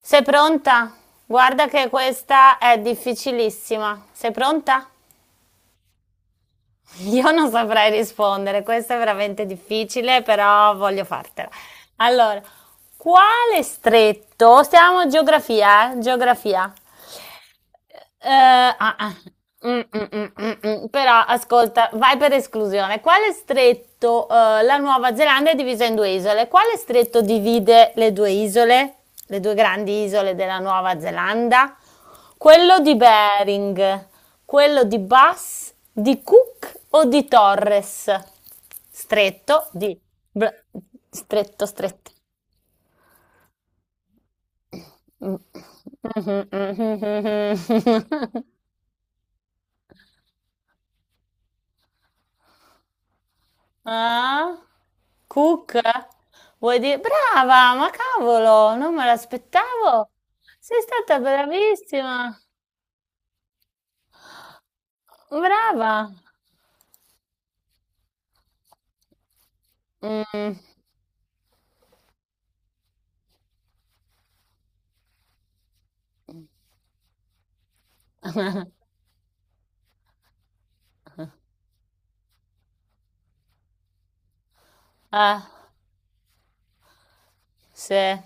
Sei pronta? Guarda che questa è difficilissima. Sei pronta? Io non saprei rispondere, questo è veramente difficile, però voglio fartela. Allora, quale stretto? Stiamo geografia, eh? Geografia. Eh, ah, ah. Mm. Però ascolta, vai per esclusione. Quale stretto, la Nuova Zelanda è divisa in due isole? Quale stretto divide le due isole, le due grandi isole della Nuova Zelanda? Quello di Bering, quello di Bass, di Cook o di Torres? Stretto di Br- stretto, stretto. Mm. Ah? Cook? Vuoi dire? Brava, ma cavolo, non me l'aspettavo. Sei stata bravissima. Brava. Mm. Ah, sì.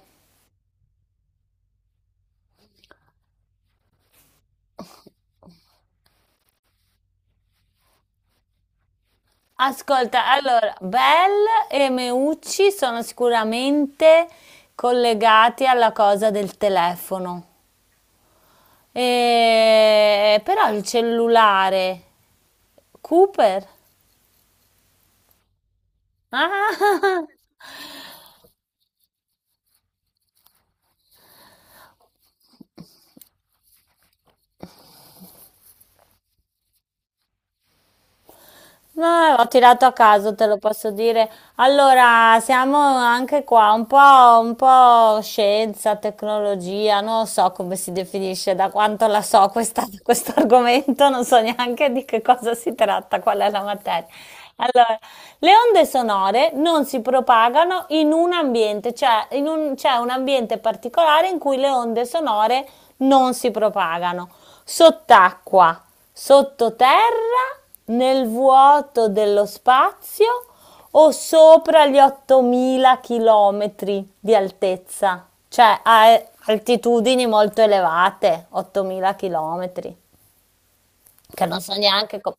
Ascolta, allora, Bell e Meucci sono sicuramente collegati alla cosa del telefono. Però il cellulare, Cooper? Ah! No, ho tirato a caso, te lo posso dire. Allora, siamo anche qua un po' scienza, tecnologia, non so come si definisce, da quanto la so questo argomento, non so neanche di che cosa si tratta, qual è la materia. Allora, le onde sonore non si propagano in un ambiente, cioè c'è un ambiente particolare in cui le onde sonore non si propagano. Sott'acqua. Sottoterra, nel vuoto dello spazio o sopra gli 8000 chilometri di altezza? Cioè a altitudini molto elevate, 8000 chilometri, che non so neanche come...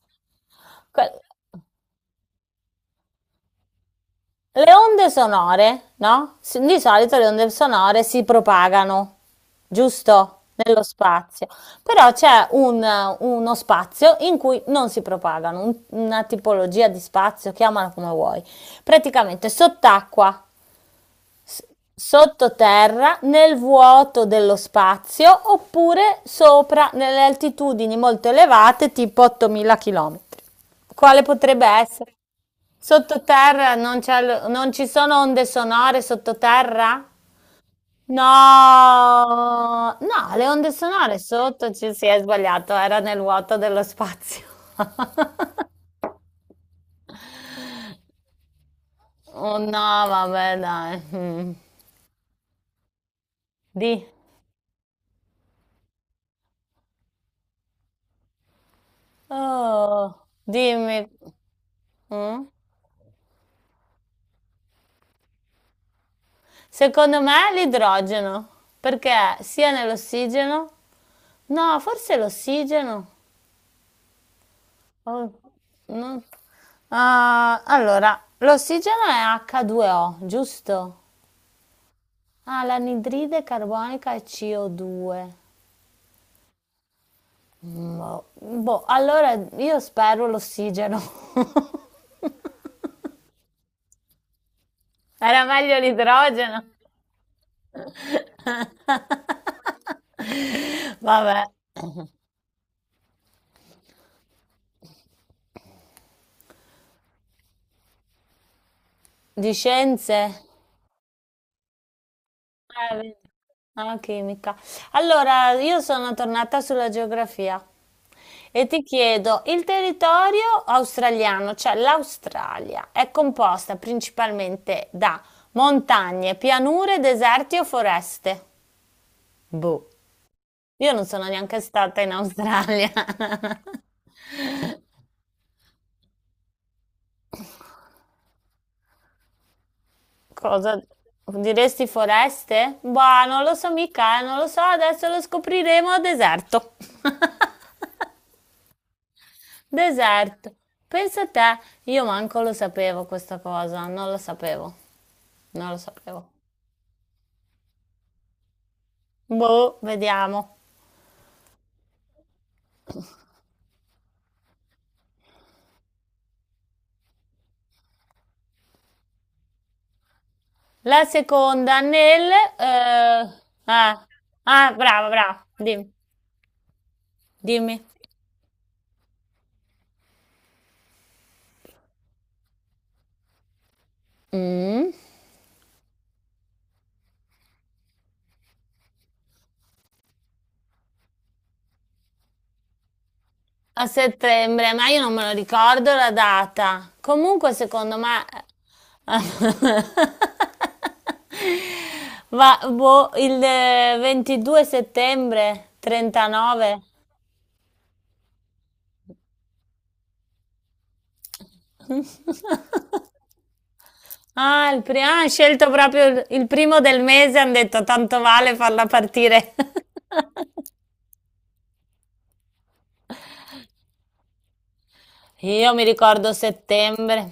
Le onde sonore, no, s di solito le onde sonore si propagano, giusto, nello spazio, però c'è un uno spazio in cui non si propagano, un una tipologia di spazio, chiamala come vuoi. Praticamente sott'acqua, s sottoterra, nel vuoto dello spazio, oppure sopra nelle altitudini molto elevate, tipo 8000 chilometri. Quale potrebbe essere? Sottoterra non c'è l- non ci sono onde sonore sottoterra? No, no, le onde sonore sotto ci si è sbagliato, era nel vuoto dello spazio. Oh no, vabbè, dai. Mm. Di. Oh, dimmi. Mm? Secondo me l'idrogeno, perché sia nell'ossigeno. No, forse l'ossigeno. Oh, no. Ah, allora, l'ossigeno è H2O, giusto? Ah, l'anidride carbonica è CO2. Boh, boh, allora io spero l'ossigeno. Era meglio l'idrogeno. Vabbè, di scienze. Ah, vedi. Ah, chimica. Allora, io sono tornata sulla geografia e ti chiedo, il territorio australiano, cioè l'Australia, è composta principalmente da montagne, pianure, deserti o foreste? Boh, io non sono neanche stata in Australia. Cosa diresti foreste? Boh, non lo so mica, non lo so, adesso lo scopriremo a deserto. Deserto. Pensa a te, io manco lo sapevo questa cosa, non lo sapevo, non lo sapevo. Boh, vediamo. La seconda nel... eh, ah, ah, brava, brava, dimmi. Dimmi. Mm. A settembre, ma io non me lo ricordo la data. Comunque, secondo me... Ma boh, il 22 settembre, 39. Ah, hai scelto proprio il primo del mese, hanno detto tanto vale farla partire. Io mi ricordo settembre.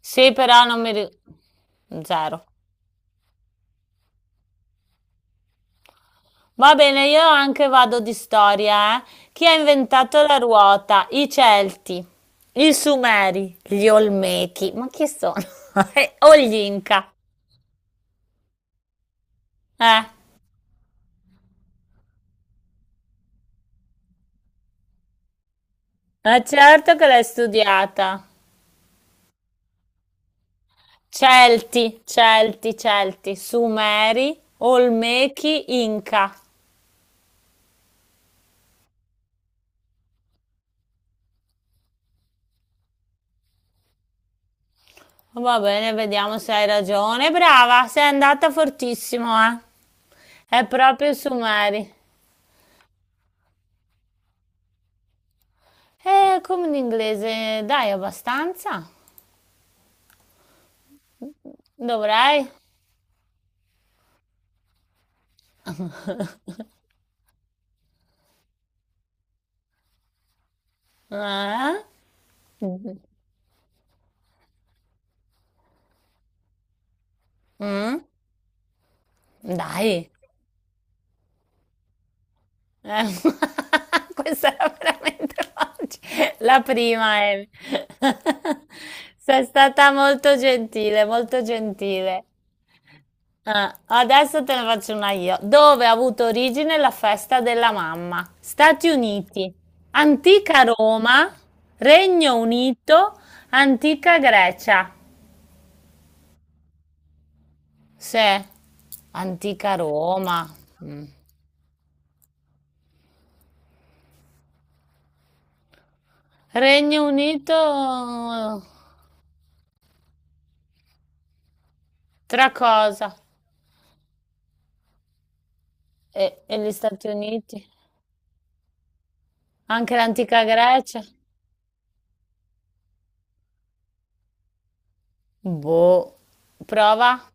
Sì, però non mi ricordo. Zero. Va bene, io anche vado di storia, eh. Chi ha inventato la ruota? I Celti, i Sumeri, gli Olmechi. Ma chi sono? O gli Inca. Eh, ma certo che l'hai studiata. Celti, Celti, Celti, Sumeri, Olmechi, Inca. Va bene, vediamo se hai ragione. Brava, sei andata fortissimo, eh. È proprio Sumeri. E come in inglese, dai abbastanza? Dovrei? Eh? Mm? Dai. Eh, questa era veramente facile. La prima, Emi. Sei stata molto gentile, molto gentile. Adesso te ne faccio una io. Dove ha avuto origine la festa della mamma? Stati Uniti, antica Roma, Regno Unito, antica Grecia. Sì, antica Roma. Mm. Regno Unito, tra cosa? E gli Stati Uniti? Anche l'antica Grecia? Boh, prova.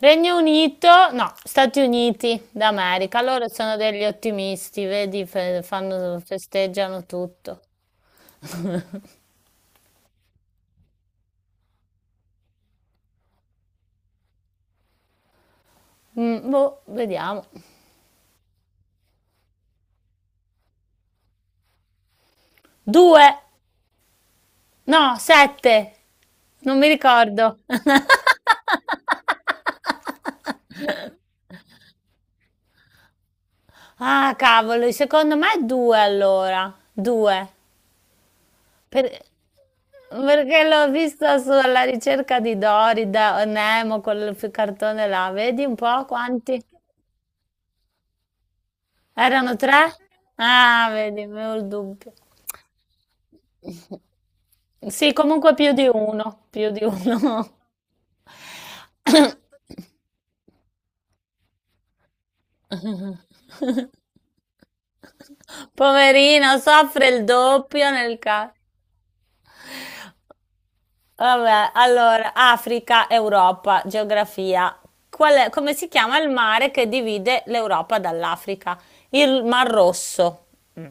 Regno Unito, no, Stati Uniti d'America, loro sono degli ottimisti, vedi, festeggiano tutto. Mm, boh, vediamo. Due, no, sette, non mi ricordo. Ah, cavolo, secondo me è due allora, due. Per- Perché l'ho vista sulla ricerca di Dory, da Nemo, quel cartone là, vedi un po' quanti? Erano tre? Ah, vedi, avevo il dubbio. Sì, comunque più di uno, più di uno. Poverino, soffre il doppio nel caso. Vabbè, allora, Africa, Europa, geografia. Come si chiama il mare che divide l'Europa dall'Africa? Il Mar Rosso. Mm.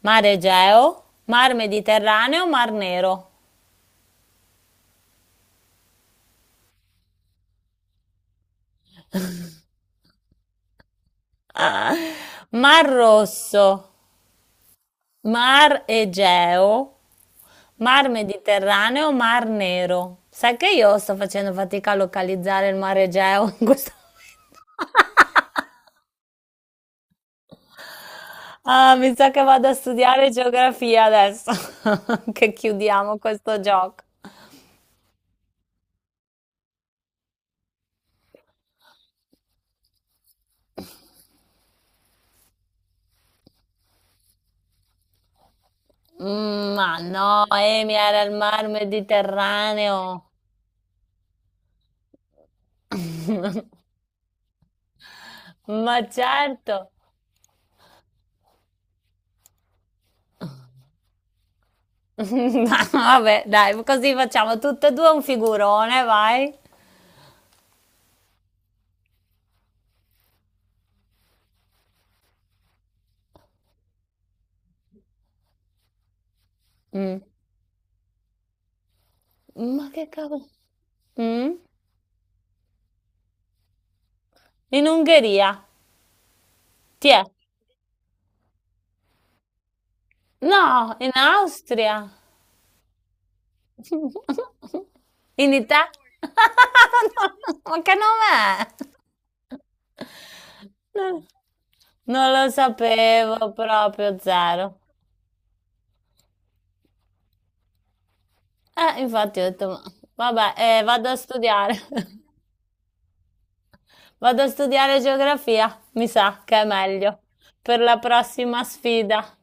Mare Egeo, Mar Mediterraneo, Mar Nero. Ah, Mar Rosso. Mar Egeo, Mar Mediterraneo, Mar Nero. Sai che io sto facendo fatica a localizzare il Mar Egeo in questo momento? Ah, mi sa che vado a studiare geografia adesso, che chiudiamo questo gioco. Mm, ma no, Emi era il Mar Mediterraneo. Ma certo. Ma vabbè, dai, così facciamo tutte e due un figurone, vai. Mm. Ma che cavolo? Mm? In Ungheria. Tiè. No, in Austria. In Italia. No, ma che nome è? Non, non lo sapevo proprio zero. Infatti ho detto, vado a studiare. Vado a studiare geografia, mi sa che è meglio per la prossima sfida.